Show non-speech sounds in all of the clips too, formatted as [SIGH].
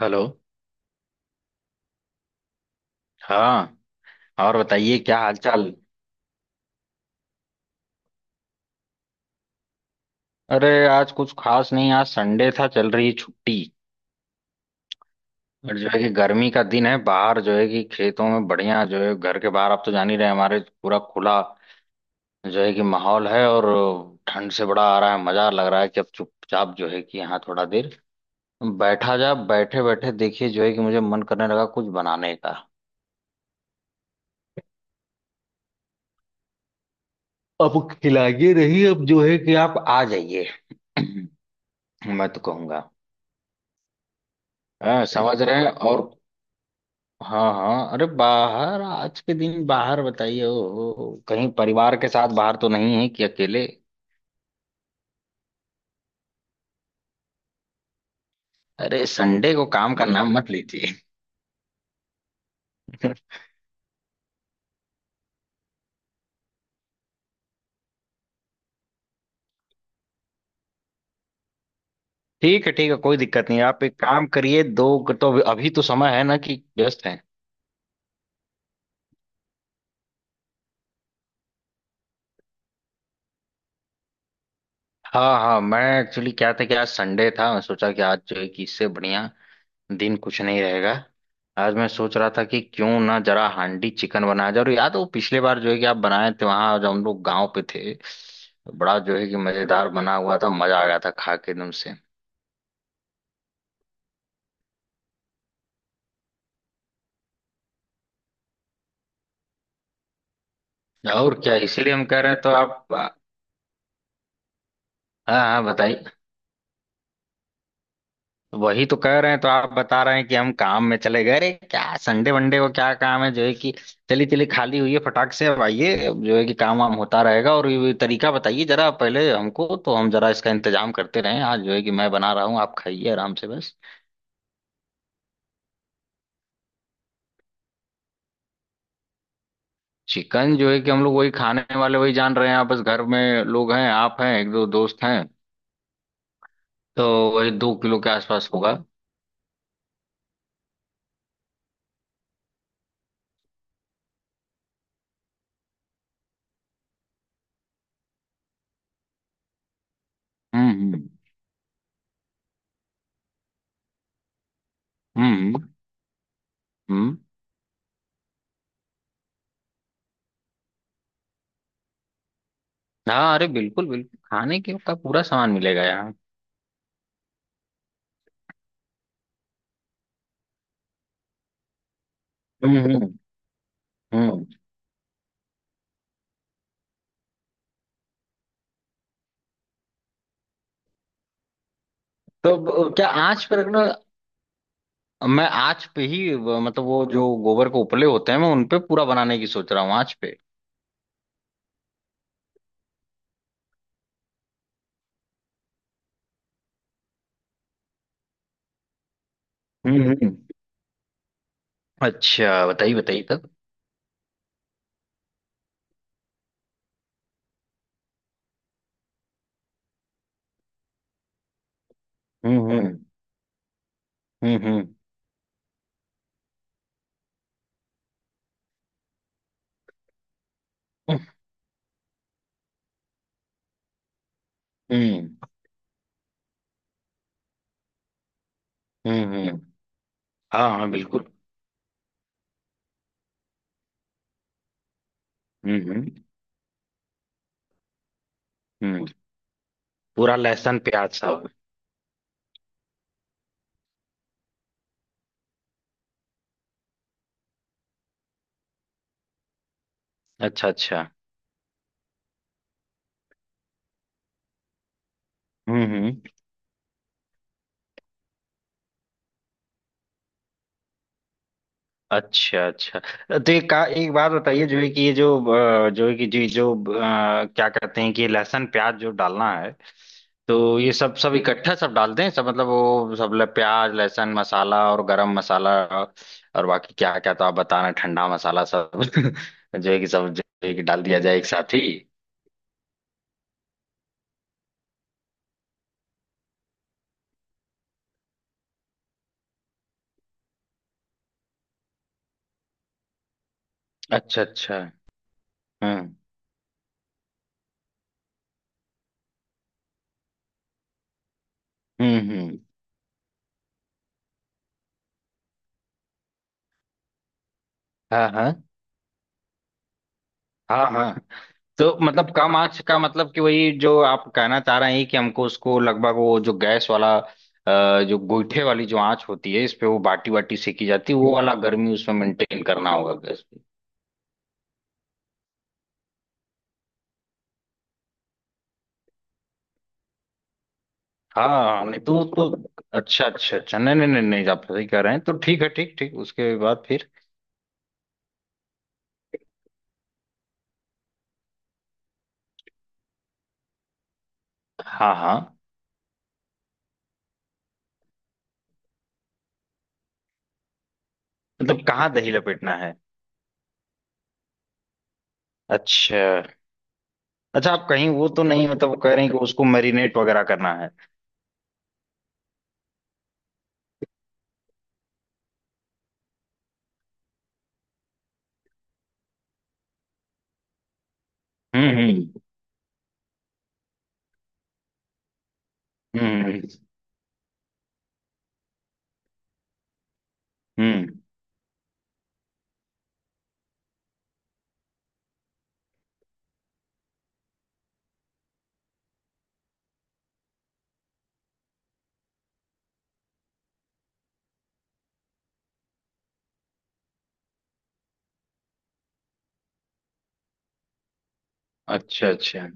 Hello. हाँ। और बताइए क्या हालचाल। अरे आज कुछ खास नहीं, आज संडे था, चल रही छुट्टी। और जो है कि गर्मी का दिन है, बाहर जो है कि खेतों में बढ़िया, जो है घर के बाहर आप तो जान ही रहे हैं, हमारे पूरा खुला जो है कि माहौल है। और ठंड से बड़ा आ रहा है मजा, लग रहा है कि अब चुपचाप जो है कि यहाँ थोड़ा देर बैठा जा, बैठे बैठे देखिए जो है कि मुझे मन करने लगा कुछ बनाने का। अब खिलाइए रही अब जो है कि आप आ जाइए। [CLEARS THROAT] मैं तो कहूंगा। हाँ समझ रहे हैं। और हाँ हाँ, अरे बाहर आज के दिन बाहर बताइए, ओ, ओ, कहीं परिवार के साथ बाहर तो नहीं है कि अकेले। अरे संडे को काम का नाम मत लीजिए। [LAUGHS] ठीक है ठीक है, कोई दिक्कत नहीं, आप एक काम करिए। दो तो अभी तो समय है ना कि व्यस्त हैं। हाँ हाँ, मैं एक्चुअली क्या था कि आज संडे था, मैं सोचा कि आज जो है कि इससे बढ़िया दिन कुछ नहीं रहेगा। आज मैं सोच रहा था कि क्यों ना जरा हांडी चिकन बनाया जाए। और याद हो पिछले बार जो है कि आप बनाए थे वहां जब हम लोग गांव पे थे, बड़ा जो है कि मजेदार बना हुआ था, मजा आ गया था खा के एकदम से। और क्या, इसीलिए हम कह रहे हैं तो आप। हाँ हाँ बताइए। वही तो कह रहे हैं तो आप बता रहे हैं कि हम काम में चले गए। अरे क्या संडे वनडे को क्या काम है जो है कि। चली चली खाली हुई है फटाक से, अब आइए, अब जो है कि काम वाम होता रहेगा। और ये तरीका बताइए जरा पहले हमको, तो हम जरा इसका इंतजाम करते रहें, आज जो है कि मैं बना रहा हूँ, आप खाइए आराम से बस। चिकन जो है कि हम लोग वही खाने वाले, वही जान रहे हैं आप, बस घर में लोग हैं, आप हैं, एक दो दोस्त हैं। तो वही 2 किलो के आसपास होगा। हम्म। हम्म। हम्म। हाँ, अरे बिल्कुल बिल्कुल, खाने के का पूरा सामान मिलेगा यहाँ। हम्म। हम्म। तो क्या आंच पे रखना? मैं आंच पे ही मतलब वो जो गोबर के उपले होते हैं, मैं उनपे पूरा बनाने की सोच रहा हूँ आंच पे। हम्म। अच्छा बताइए बताइए तब। हम्म। हम्म। हम्म हम्म। हम्म। हम्म। हाँ हाँ बिल्कुल। हम्म। हम्म। पूरा लहसुन प्याज सब। अच्छा अच्छा। हम्म। अच्छा अच्छा। तो एक का एक बात बताइए, जो है कि ये जो जो है कि जी जो क्या कहते हैं कि ये लहसुन प्याज जो डालना है, तो ये सब सब इकट्ठा सब डालते हैं सब, मतलब वो सब प्याज लहसुन मसाला और गरम मसाला, और बाकी क्या क्या तो आप बता रहे हैं, ठंडा मसाला सब [LAUGHS] जो है कि सब जो है कि डाल दिया जाए एक साथ ही। अच्छा अच्छा। हम्म हम्म। हम्म। हाँ हाँ। हाँ हाँ। तो मतलब कम आंच का मतलब कि वही जो आप कहना चाह रहे हैं कि हमको उसको लगभग वो जो गैस वाला जो गोईठे वाली जो आंच होती है इस पे, वो बाटी वाटी सेकी जाती है, वो वाला गर्मी उसमें मेंटेन करना होगा गैस पे। हाँ नहीं तो अच्छा अच्छा अच्छा, नहीं नहीं नहीं नहीं, आप सही कह रहे हैं, तो ठीक है ठीक ठीक, उसके बाद फिर? हाँ हाँ। मतलब कहाँ दही लपेटना है? अच्छा अच्छा। आप कहीं वो तो नहीं मतलब कह रहे हैं कि उसको मैरिनेट वगैरह करना है? हम्म। हम्म हम्म। अच्छा अच्छा।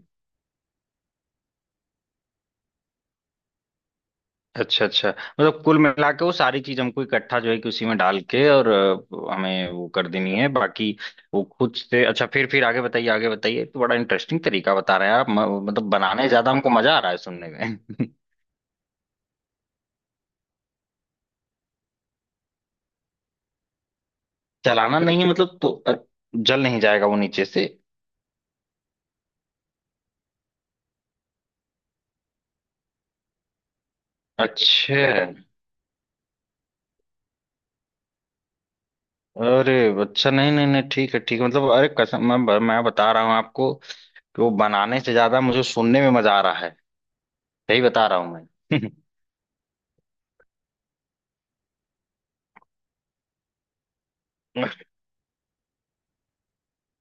अच्छा अच्छा, मतलब कुल मिला के वो सारी चीज हमको इकट्ठा जो है कि उसी में डाल के, और हमें वो कर देनी है, बाकी वो खुद से। अच्छा, फिर आगे बताइए आगे बताइए, तो बड़ा इंटरेस्टिंग तरीका बता रहे हैं आप मतलब बनाने ज्यादा हमको मजा आ रहा है सुनने में। [LAUGHS] चलाना नहीं है मतलब? तो जल नहीं जाएगा वो नीचे से? अच्छा। अरे अच्छा, नहीं नहीं नहीं, ठीक है ठीक है मतलब, अरे कसम मैं मैं बता रहा हूँ आपको कि वो बनाने से ज्यादा मुझे सुनने में मजा आ रहा है, यही बता रहा हूँ मैं। [LAUGHS]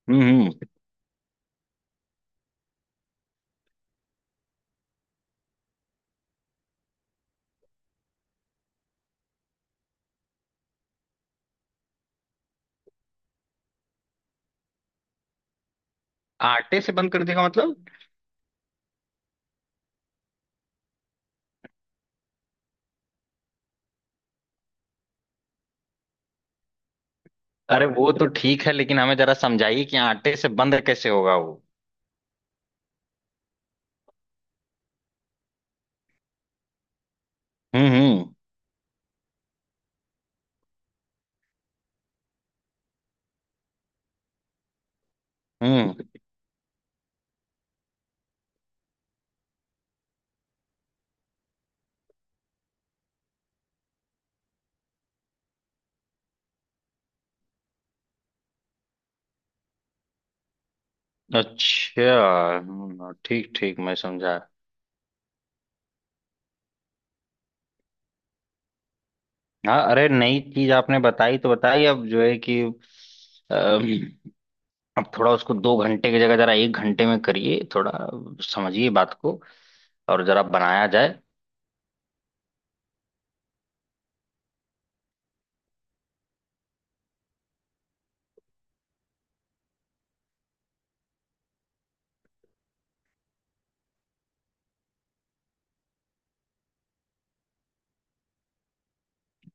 हम्म हम्म। आटे से बंद कर देगा मतलब? अरे वो तो ठीक है लेकिन हमें जरा समझाइए कि आटे से बंद कैसे होगा वो? हम्म। हम्म। अच्छा। ठीक ठीक मैं समझा। हाँ अरे नई चीज आपने बताई तो बताई, अब जो है कि अम, अब थोड़ा उसको 2 घंटे की जगह जरा 1 घंटे में करिए थोड़ा, समझिए बात को, और जरा बनाया जाए।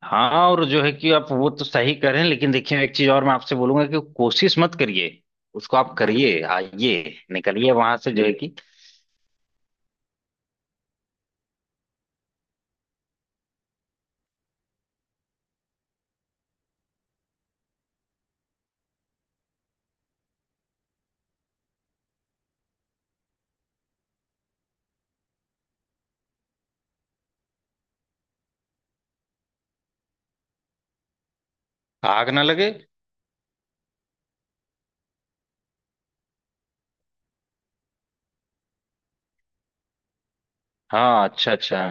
हाँ, और जो है कि आप वो तो सही करें लेकिन देखिए एक चीज और मैं आपसे बोलूंगा कि कोशिश मत करिए, उसको आप करिए, आइए, निकलिए वहां से जो है कि। आग ना लगे? हाँ अच्छा अच्छा।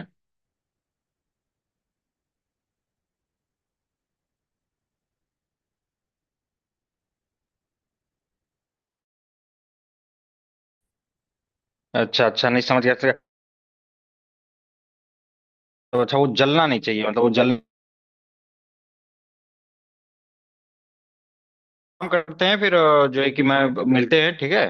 अच्छा अच्छा नहीं, समझ गया समझ गया। तो अच्छा, वो जलना नहीं चाहिए मतलब, वो जल। काम करते हैं फिर जो है कि मैं मिलते हैं ठीक है।